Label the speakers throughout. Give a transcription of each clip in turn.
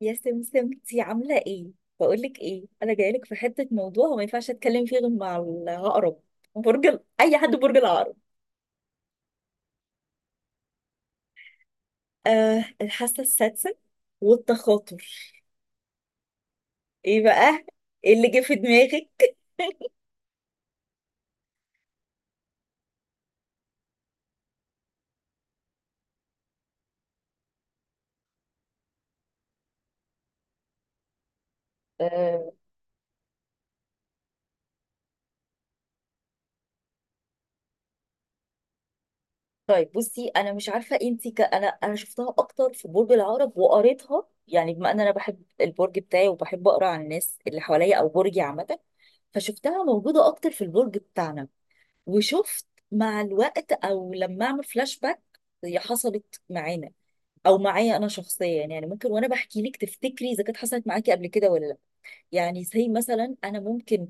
Speaker 1: يا سمسم، انتي عاملة ايه؟ بقولك ايه؟ انا جايلك في حتة موضوع وما ينفعش اتكلم فيه غير مع العقرب. برج اي حد برج العقرب. آه، الحاسة السادسة والتخاطر. ايه بقى؟ ايه اللي جه في دماغك؟ آه. طيب، بصي انا مش عارفة انتي انا شفتها اكتر في برج العقرب وقريتها، يعني بما ان انا بحب البرج بتاعي وبحب اقرا عن الناس اللي حواليا او برجي عامة. فشفتها موجودة اكتر في البرج بتاعنا. وشفت مع الوقت، او لما اعمل فلاش باك، هي حصلت معانا او معايا انا شخصيا. يعني ممكن وانا بحكي لك تفتكري اذا كانت حصلت معاكي قبل كده ولا لا. يعني زي مثلا انا ممكن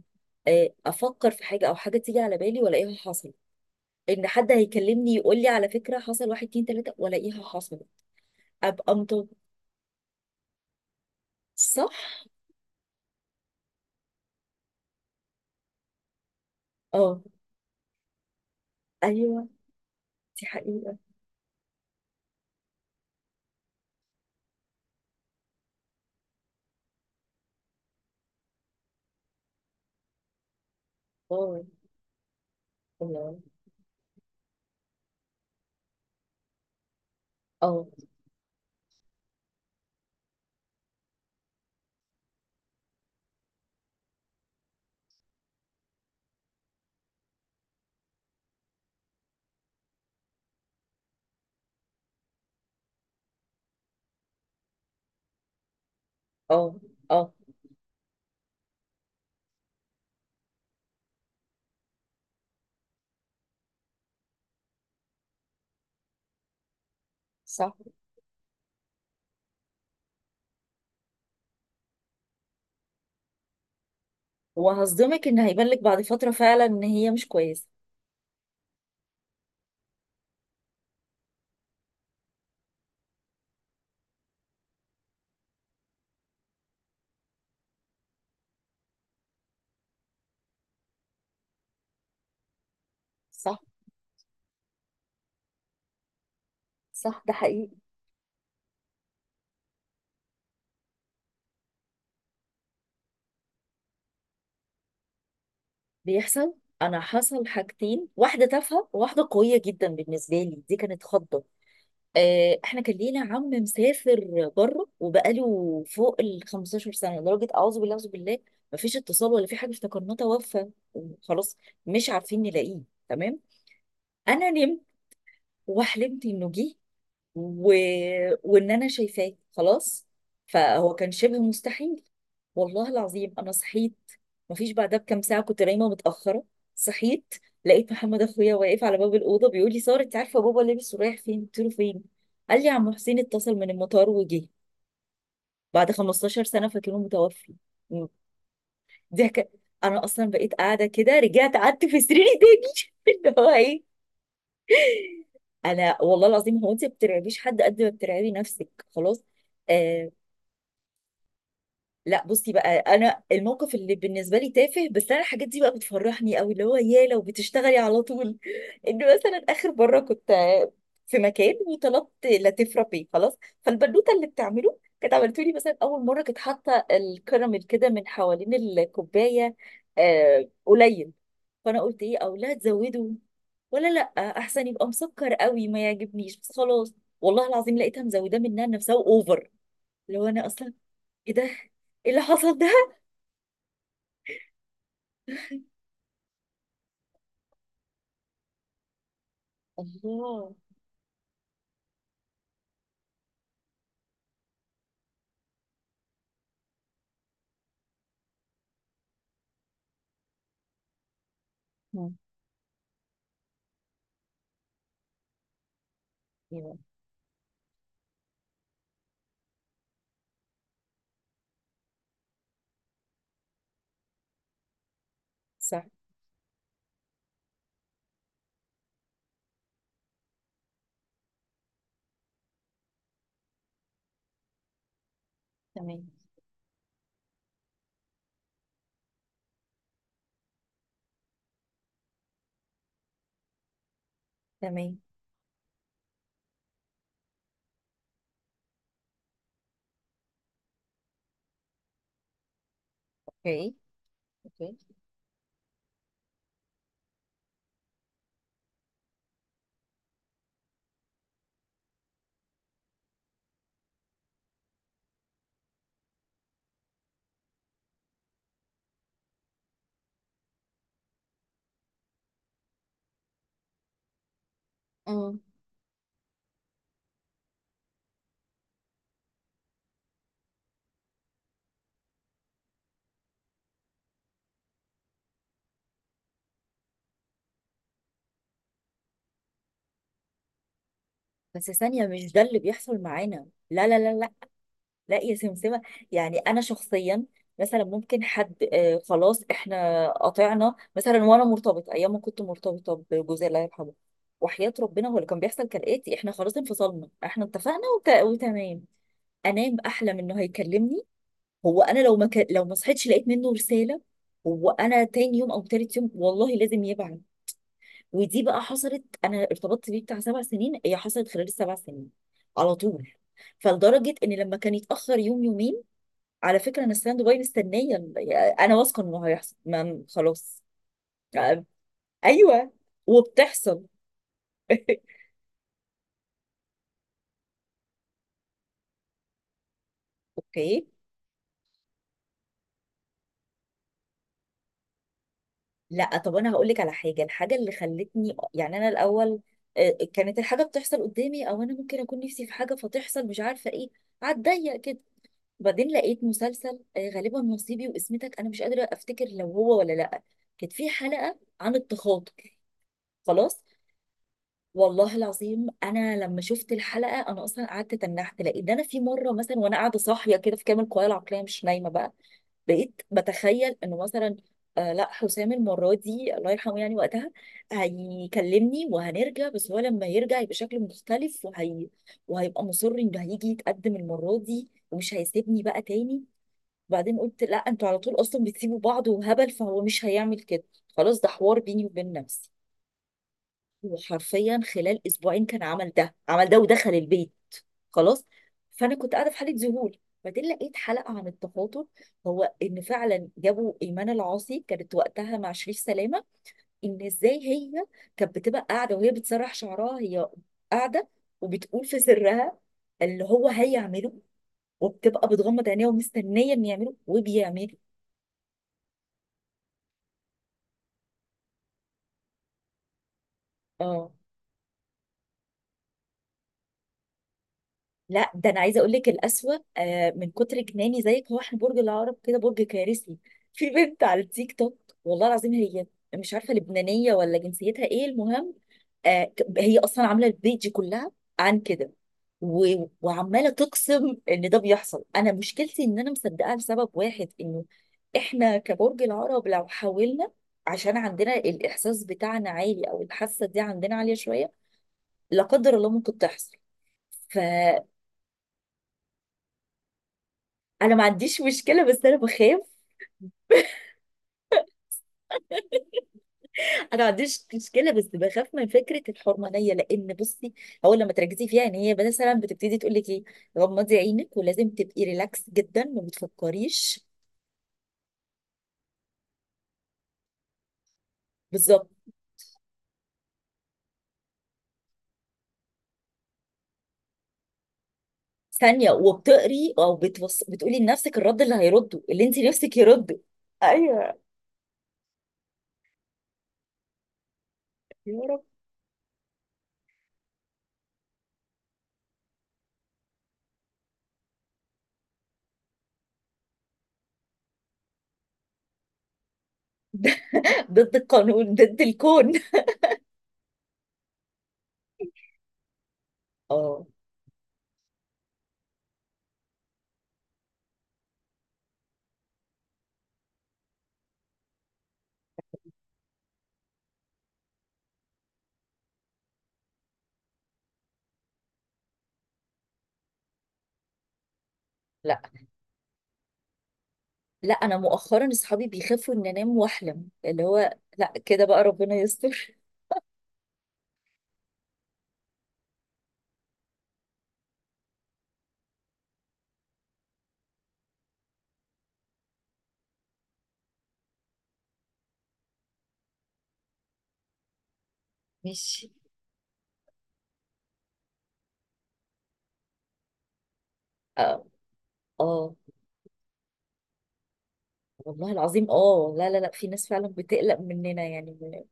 Speaker 1: افكر في حاجه، او حاجه تيجي على بالي والاقيها حصلت. ان حد هيكلمني يقول لي على فكره حصل، واحد اتنين تلاته والاقيها حصلت. ابقى مطب. صح. اه. ايوه، دي حقيقه. اه. الله. اه. اه. اه. صح. وهصدمك ان هيبان لك بعد فتره فعلا ان هي مش كويسه. صح، صح، ده حقيقي. بيحصل. انا حصل حاجتين، واحده تافهه وواحده قويه جدا. بالنسبه لي دي كانت خضه. احنا كان لينا عم مسافر بره وبقاله فوق ال 15 سنه، لدرجه اعوذ بالله اعوذ بالله. مفيش اتصال ولا في حاجه، افتكرناه توفى وخلاص. مش عارفين نلاقيه. تمام. انا نمت وحلمت انه جه و... وان انا شايفاه. خلاص، فهو كان شبه مستحيل. والله العظيم انا صحيت. مفيش بعدها بكام ساعه، كنت نايمه متاخره. صحيت لقيت محمد اخويا واقف على باب الاوضه بيقول لي: ساره، انت عارفه بابا لابس ورايح فين؟ قلت له: فين؟ قال لي: عم حسين اتصل من المطار وجه. بعد 15 سنه فاكرينه متوفي. ده كان، انا اصلا بقيت قاعده كده، رجعت قعدت في سريري تاني. اللي هو ايه. انا والله العظيم، هو انت ما بترعبيش حد قد ما بترعبي نفسك. خلاص. آه، لا بصي بقى، انا الموقف اللي بالنسبه لي تافه، بس انا الحاجات دي بقى بتفرحني قوي. اللي هو يا لو بتشتغلي على طول. ان مثلا اخر مره كنت في مكان وطلبت لاتيه فرابيه. خلاص، فالبنوته اللي بتعمله كانت عملته لي مثلا اول مره كانت حاطه الكراميل كده من حوالين الكوبايه قليل. فانا قلت: ايه، او لا تزودوا ولا لا؟ احسن يبقى مسكر قوي ما يعجبنيش. بس خلاص، والله العظيم لقيتها مزوده منها نفسها اوفر. لو انا اصلا، ايه ده؟ ايه اللي حصل ده؟ الله. مم. ايوه. صح. تمام. تمام. اوكي. اوكي. امم. بس ثانية، مش ده اللي بيحصل معانا. لا لا لا لا. لا يا سمسمة. يعني أنا شخصيا، مثلا ممكن حد خلاص احنا قطعنا مثلا، وأنا مرتبطة أيام ما كنت مرتبطة بجوزي الله يرحمه. وحياة ربنا هو اللي كان بيحصل كالآتي: احنا خلاص انفصلنا، احنا اتفقنا وتمام. أنام أحلم إنه هيكلمني. هو انا لو ما لو ما صحيتش لقيت منه رساله. هو انا تاني يوم او تالت يوم، والله لازم يبعت. ودي بقى حصلت، انا ارتبطت بيه بتاع 7 سنين، هي حصلت خلال السبع سنين على طول. فلدرجه ان لما كان يتاخر يوم يومين، على فكره انا ستاند باي مستنيه، انا واثقه انه هيحصل. ما خلاص. ايوه. وبتحصل. اوكي. لا طب انا هقول لك على حاجه. الحاجه اللي خلتني يعني انا الاول كانت الحاجه بتحصل قدامي، او انا ممكن اكون نفسي في حاجه فتحصل مش عارفه ايه، عالضيق كده. وبعدين لقيت مسلسل غالبا نصيبي واسمتك، انا مش قادره افتكر لو هو ولا لا. كانت في حلقه عن التخاطر. خلاص. والله العظيم انا لما شفت الحلقه انا اصلا قعدت تنحت. لقيت ده انا في مره مثلا وانا قاعده صاحيه كده في كامل قوايا العقليه، مش نايمه بقى، بقيت بتخيل انه مثلا لا، حسام المره دي الله يرحمه يعني وقتها هيكلمني وهنرجع، بس هو لما يرجع يبقى شكله مختلف، وهي وهيبقى مصر انه هيجي يتقدم المره دي ومش هيسيبني بقى تاني. وبعدين قلت: لا، انتوا على طول اصلا بتسيبوا بعض وهبل، فهو مش هيعمل كده. خلاص، ده حوار بيني وبين نفسي. وحرفيا خلال اسبوعين كان عمل ده، عمل ده، ودخل البيت. خلاص. فانا كنت قاعده في حاله ذهول. بعدين لقيت حلقه عن التخاطب. هو ان فعلا جابوا ايمان العاصي، كانت وقتها مع شريف سلامه، ان ازاي هي كانت بتبقى قاعده وهي بتسرح شعرها، هي قاعده وبتقول في سرها اللي هو هيعمله، وبتبقى بتغمض عينيها ومستنيه ان يعمله وبيعمله. اه. لا ده انا عايزه اقول لك الاسوأ. من كتر جناني زيك، هو احنا برج العقرب كده برج كارثي. في بنت على التيك توك، والله العظيم هي، مش عارفه لبنانيه ولا جنسيتها ايه، المهم هي اصلا عامله البيج كلها عن كده. وعماله تقسم ان ده بيحصل. انا مشكلتي ان انا مصدقاها لسبب واحد، انه احنا كبرج العقرب لو حاولنا، عشان عندنا الاحساس بتاعنا عالي، او الحاسه دي عندنا عاليه شويه، لا قدر الله ممكن تحصل. ف... انا ما عنديش مشكله، بس انا بخاف. انا ما عنديش مشكله، بس بخاف من فكره الحرمانيه. لان بصي، هو لما تركزي فيها ان هي مثلا بتبتدي تقول لك ايه، غمضي عينك ولازم تبقي ريلاكس جدا ما بتفكريش. بالظبط. ثانيه، وبتقري او بتقولي لنفسك الرد اللي هيرده، اللي انت نفسك يرده. ايوه. يا رب. ضد القانون، ضد الكون. اه. لا لا، انا مؤخرا اصحابي بيخافوا ان انام واحلم، اللي هو لا كده بقى ربنا يستر. ماشي. اه. اه. والله العظيم اه، لا لا لا، في ناس فعلا بتقلق مننا، يعني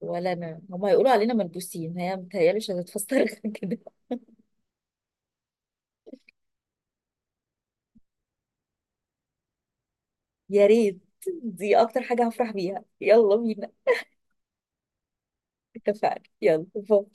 Speaker 1: ولا انا، هما يقولوا علينا ملبوسين، هي متهيألي مش هتتفسر كده. يا ريت، دي اكتر حاجة هفرح بيها، يلا بينا. اتفقنا، يلا باي.